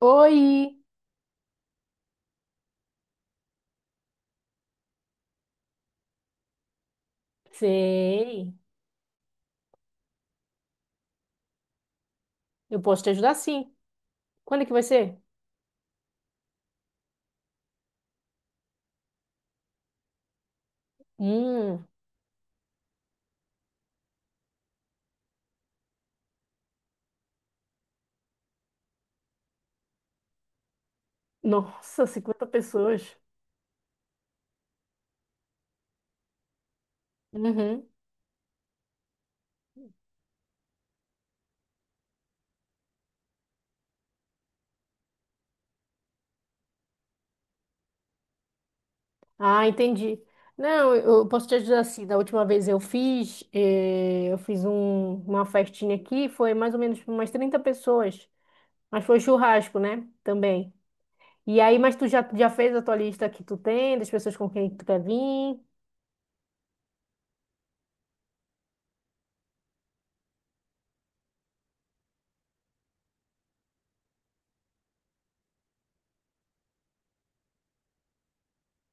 Oi! Sei. Eu posso te ajudar sim. Quando é que vai ser? Hum, nossa, cinquenta pessoas. Uhum. Ah, entendi. Não, eu posso te ajudar assim. Da última vez eu fiz, eu fiz uma festinha aqui, foi mais ou menos umas 30 pessoas. Mas foi churrasco, né? Também. E aí, mas tu já, já fez a tua lista que tu tem, das pessoas com quem tu quer vir?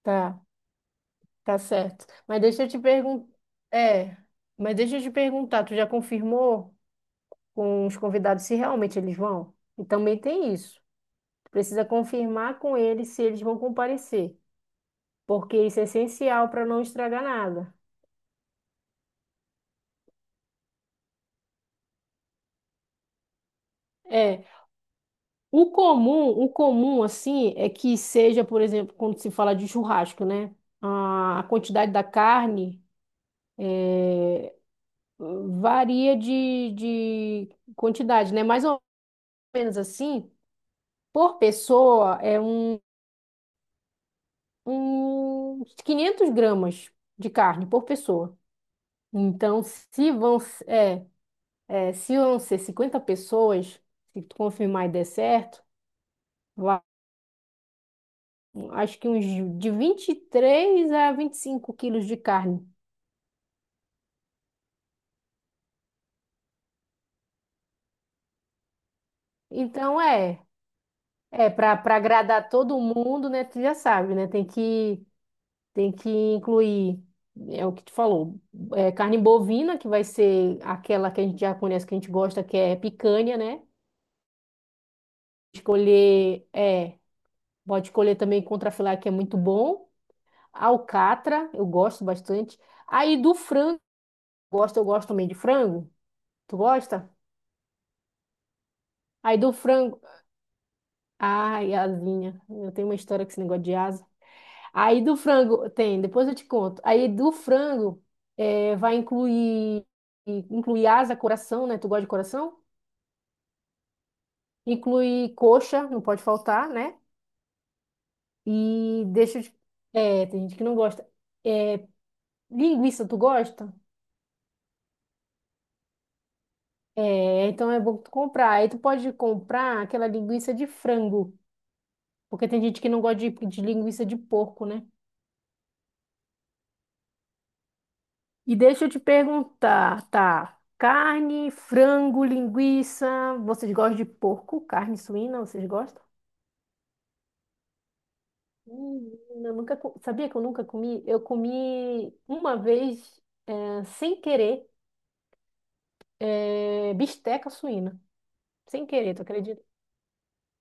Tá, tá certo. Mas deixa eu te perguntar. É, mas deixa eu te perguntar, tu já confirmou com os convidados se realmente eles vão? E também tem isso. Precisa confirmar com eles se eles vão comparecer, porque isso é essencial para não estragar nada. É, o comum assim é que seja, por exemplo, quando se fala de churrasco, né? A quantidade da carne varia de quantidade, né? Mais ou menos assim, por pessoa é um, um 500 gramas de carne por pessoa. Então, se vão, é, é, se vão ser 50 pessoas, se tu confirmar e der certo, va- acho que uns de 23 a 25 quilos de carne. Então, é, é para para agradar todo mundo, né? Tu já sabe, né? Tem que incluir, é o que tu falou, é, carne bovina, que vai ser aquela que a gente já conhece, que a gente gosta, que é picanha, né? Escolher, é, pode escolher também contrafilé, que é muito bom. Alcatra, eu gosto bastante. Aí do frango, gosto, eu gosto também de frango. Tu gosta? Aí do frango, ai, asinha. Eu tenho uma história com esse negócio de asa. Aí do frango, tem, depois eu te conto. Aí do frango, é, vai incluir, incluir asa, coração, né? Tu gosta de coração? Inclui coxa, não pode faltar, né? E deixa eu te... É, tem gente que não gosta. É, linguiça, tu gosta? É, então é bom tu comprar. Aí tu pode comprar aquela linguiça de frango, porque tem gente que não gosta de linguiça de porco, né? E deixa eu te perguntar, tá? Carne, frango, linguiça, vocês gostam de porco? Carne suína, vocês gostam? Hum, eu nunca, sabia que eu nunca comi? Eu comi uma vez, é, sem querer, é, bisteca suína. Sem querer, tu acredita?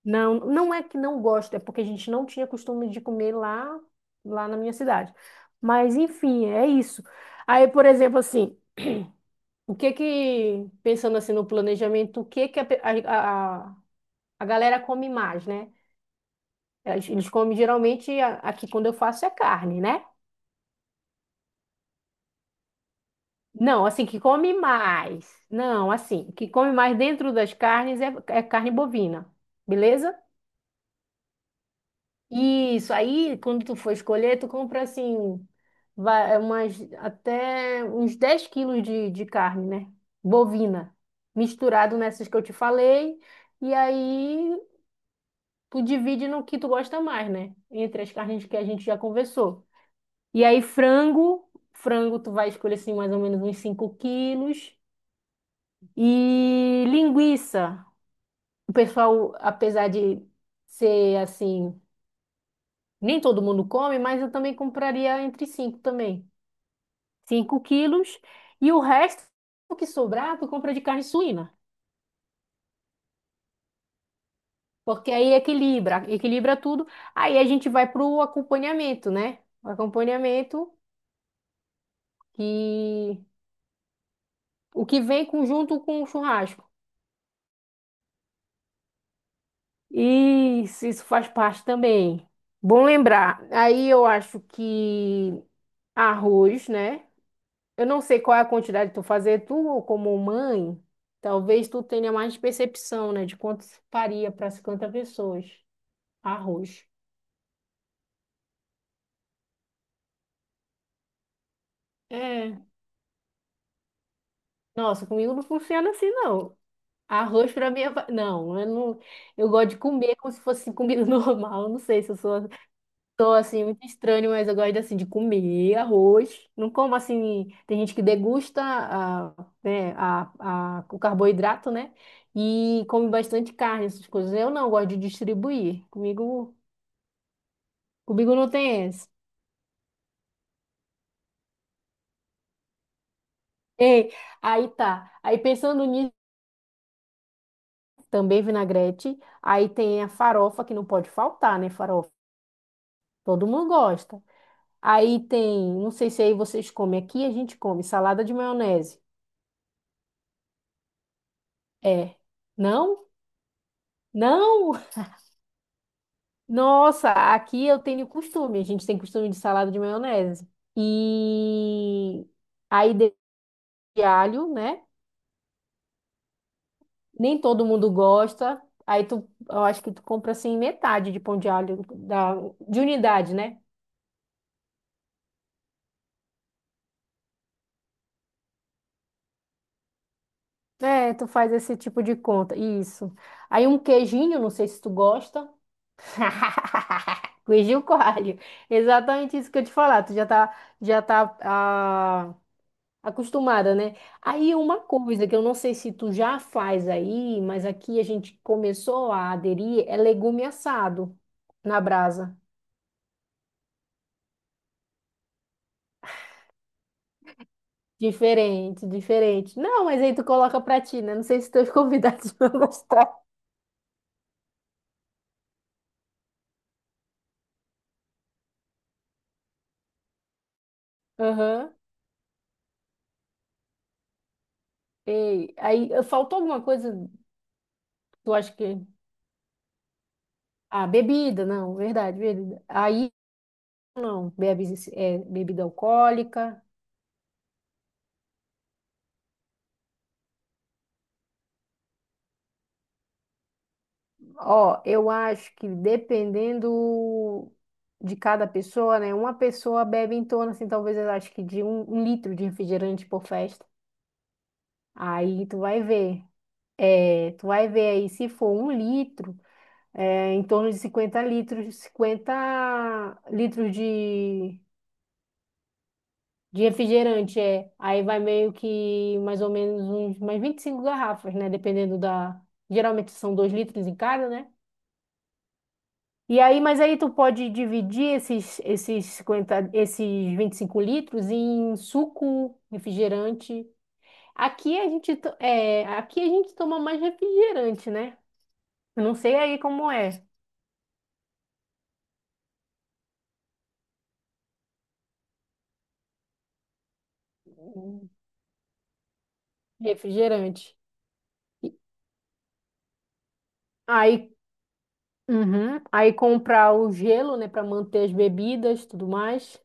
Não, não é que não gosto, é porque a gente não tinha costume de comer lá, lá na minha cidade. Mas enfim, é isso. Aí, por exemplo, assim, o que que, pensando assim no planejamento, o que que a, a galera come mais, né? Eles comem geralmente, aqui quando eu faço é carne, né? Não, assim, que come mais. Não, assim, que come mais dentro das carnes é, é carne bovina, beleza? Isso, aí quando tu for escolher, tu compra assim, vai umas, até uns 10 quilos de carne, né? Bovina, misturado nessas que eu te falei, e aí tu divide no que tu gosta mais, né? Entre as carnes que a gente já conversou. E aí frango, frango tu vai escolher assim mais ou menos uns 5 quilos, e linguiça. O pessoal, apesar de ser assim, nem todo mundo come, mas eu também compraria entre cinco também. 5 quilos. E o resto, o que sobrar, tu compra de carne suína. Porque aí equilibra, equilibra tudo. Aí a gente vai pro acompanhamento, né? O acompanhamento que o que vem conjunto com o churrasco. Isso faz parte também. Bom lembrar. Aí eu acho que arroz, né? Eu não sei qual é a quantidade que tu fazer, tu como mãe, talvez tu tenha mais percepção, né, de quanto se faria para 50 pessoas. Arroz. É, nossa, comigo não funciona assim, não. Arroz para mim é... Não, eu não... Eu gosto de comer como se fosse comida normal. Eu não sei se eu sou... Tô assim, muito estranho, mas eu gosto assim de comer arroz. Não como assim, tem gente que degusta a, né, a, o carboidrato, né? E come bastante carne, essas coisas. Eu não gosto de distribuir. Comigo, comigo não tem essa. Ei, aí tá. Aí pensando nisso, também vinagrete. Aí tem a farofa que não pode faltar, né? Farofa. Todo mundo gosta. Aí tem, não sei se aí vocês comem, aqui a gente come salada de maionese. É. Não? Não? Nossa, aqui eu tenho costume, a gente tem costume de salada de maionese. E aí de alho, né? Nem todo mundo gosta. Aí tu, eu acho que tu compra assim metade de pão de alho, da, de unidade, né? É, tu faz esse tipo de conta. Isso. Aí um queijinho, não sei se tu gosta. Queijinho coalho. Exatamente isso que eu te falar. Tu já tá, já tá acostumada, né? Aí uma coisa que eu não sei se tu já faz aí, mas aqui a gente começou a aderir, é legume assado na brasa. Diferente, diferente. Não, mas aí tu coloca pra ti, né? Não sei se teus convidados vão gostar. Aham. Ei, aí faltou alguma coisa, tu acha que... Ah, bebida, não, verdade, bebida. Aí não, bebe, é, bebida alcoólica. Ó, eu acho que dependendo de cada pessoa, né? Uma pessoa bebe em torno, assim, talvez eu acho que de um, um litro de refrigerante por festa. Aí tu vai ver. É, tu vai ver aí, se for um litro, é, em torno de 50 litros, 50 litros de refrigerante, é. Aí vai meio que mais ou menos uns mais 25 garrafas, né? Dependendo da. Geralmente são 2 litros em cada, né? E aí, mas aí tu pode dividir esses, esses cinquenta, esses 25 litros em suco, refrigerante. Aqui a gente, é, aqui a gente toma mais refrigerante, né? Eu não sei aí como é. Refrigerante. E aí, uhum, aí comprar o gelo, né, para manter as bebidas, tudo mais.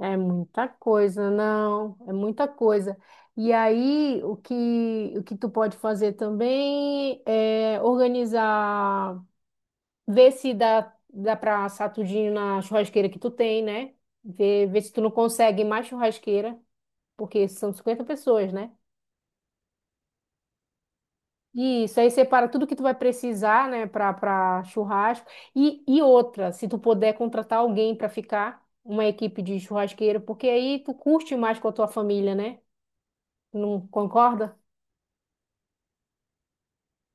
É muita coisa, não, é muita coisa. E aí, o que tu pode fazer também é organizar, ver se dá, dá para assar tudinho na churrasqueira que tu tem, né? Ver, ver se tu não consegue mais churrasqueira, porque são 50 pessoas, né? E isso, aí separa tudo que tu vai precisar, né, para para churrasco. E outra, se tu puder contratar alguém para ficar, uma equipe de churrasqueiro, porque aí tu curte mais com a tua família, né? Não concorda?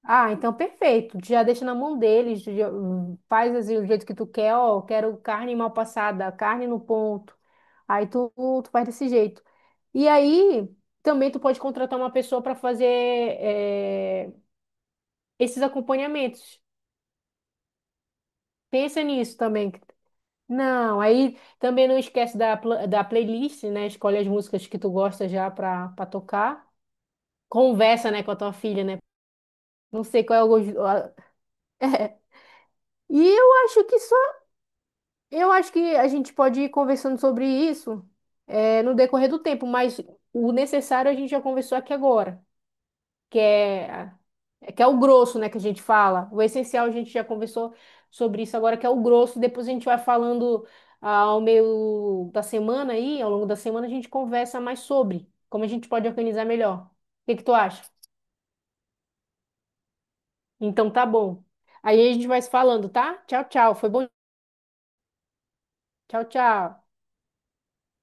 Ah, então perfeito. Já deixa na mão deles, faz assim do jeito que tu quer, ó, quero carne mal passada, carne no ponto. Aí tu, tu faz desse jeito. E aí também tu pode contratar uma pessoa para fazer esses acompanhamentos. Pensa nisso também. Não, aí também não esquece da, da playlist, né? Escolhe as músicas que tu gosta já para tocar. Conversa, né, com a tua filha, né? Não sei qual é o gosto. E eu acho que só... Eu acho que a gente pode ir conversando sobre isso, no decorrer do tempo, mas o necessário a gente já conversou aqui agora, que é, é que é o grosso, né, que a gente fala. O essencial a gente já conversou sobre isso agora, que é o grosso. Depois a gente vai falando ah, ao meio da semana aí, ao longo da semana a gente conversa mais sobre como a gente pode organizar melhor. O que que tu acha? Então tá bom. Aí a gente vai se falando, tá? Tchau, tchau. Foi bom. Tchau, tchau.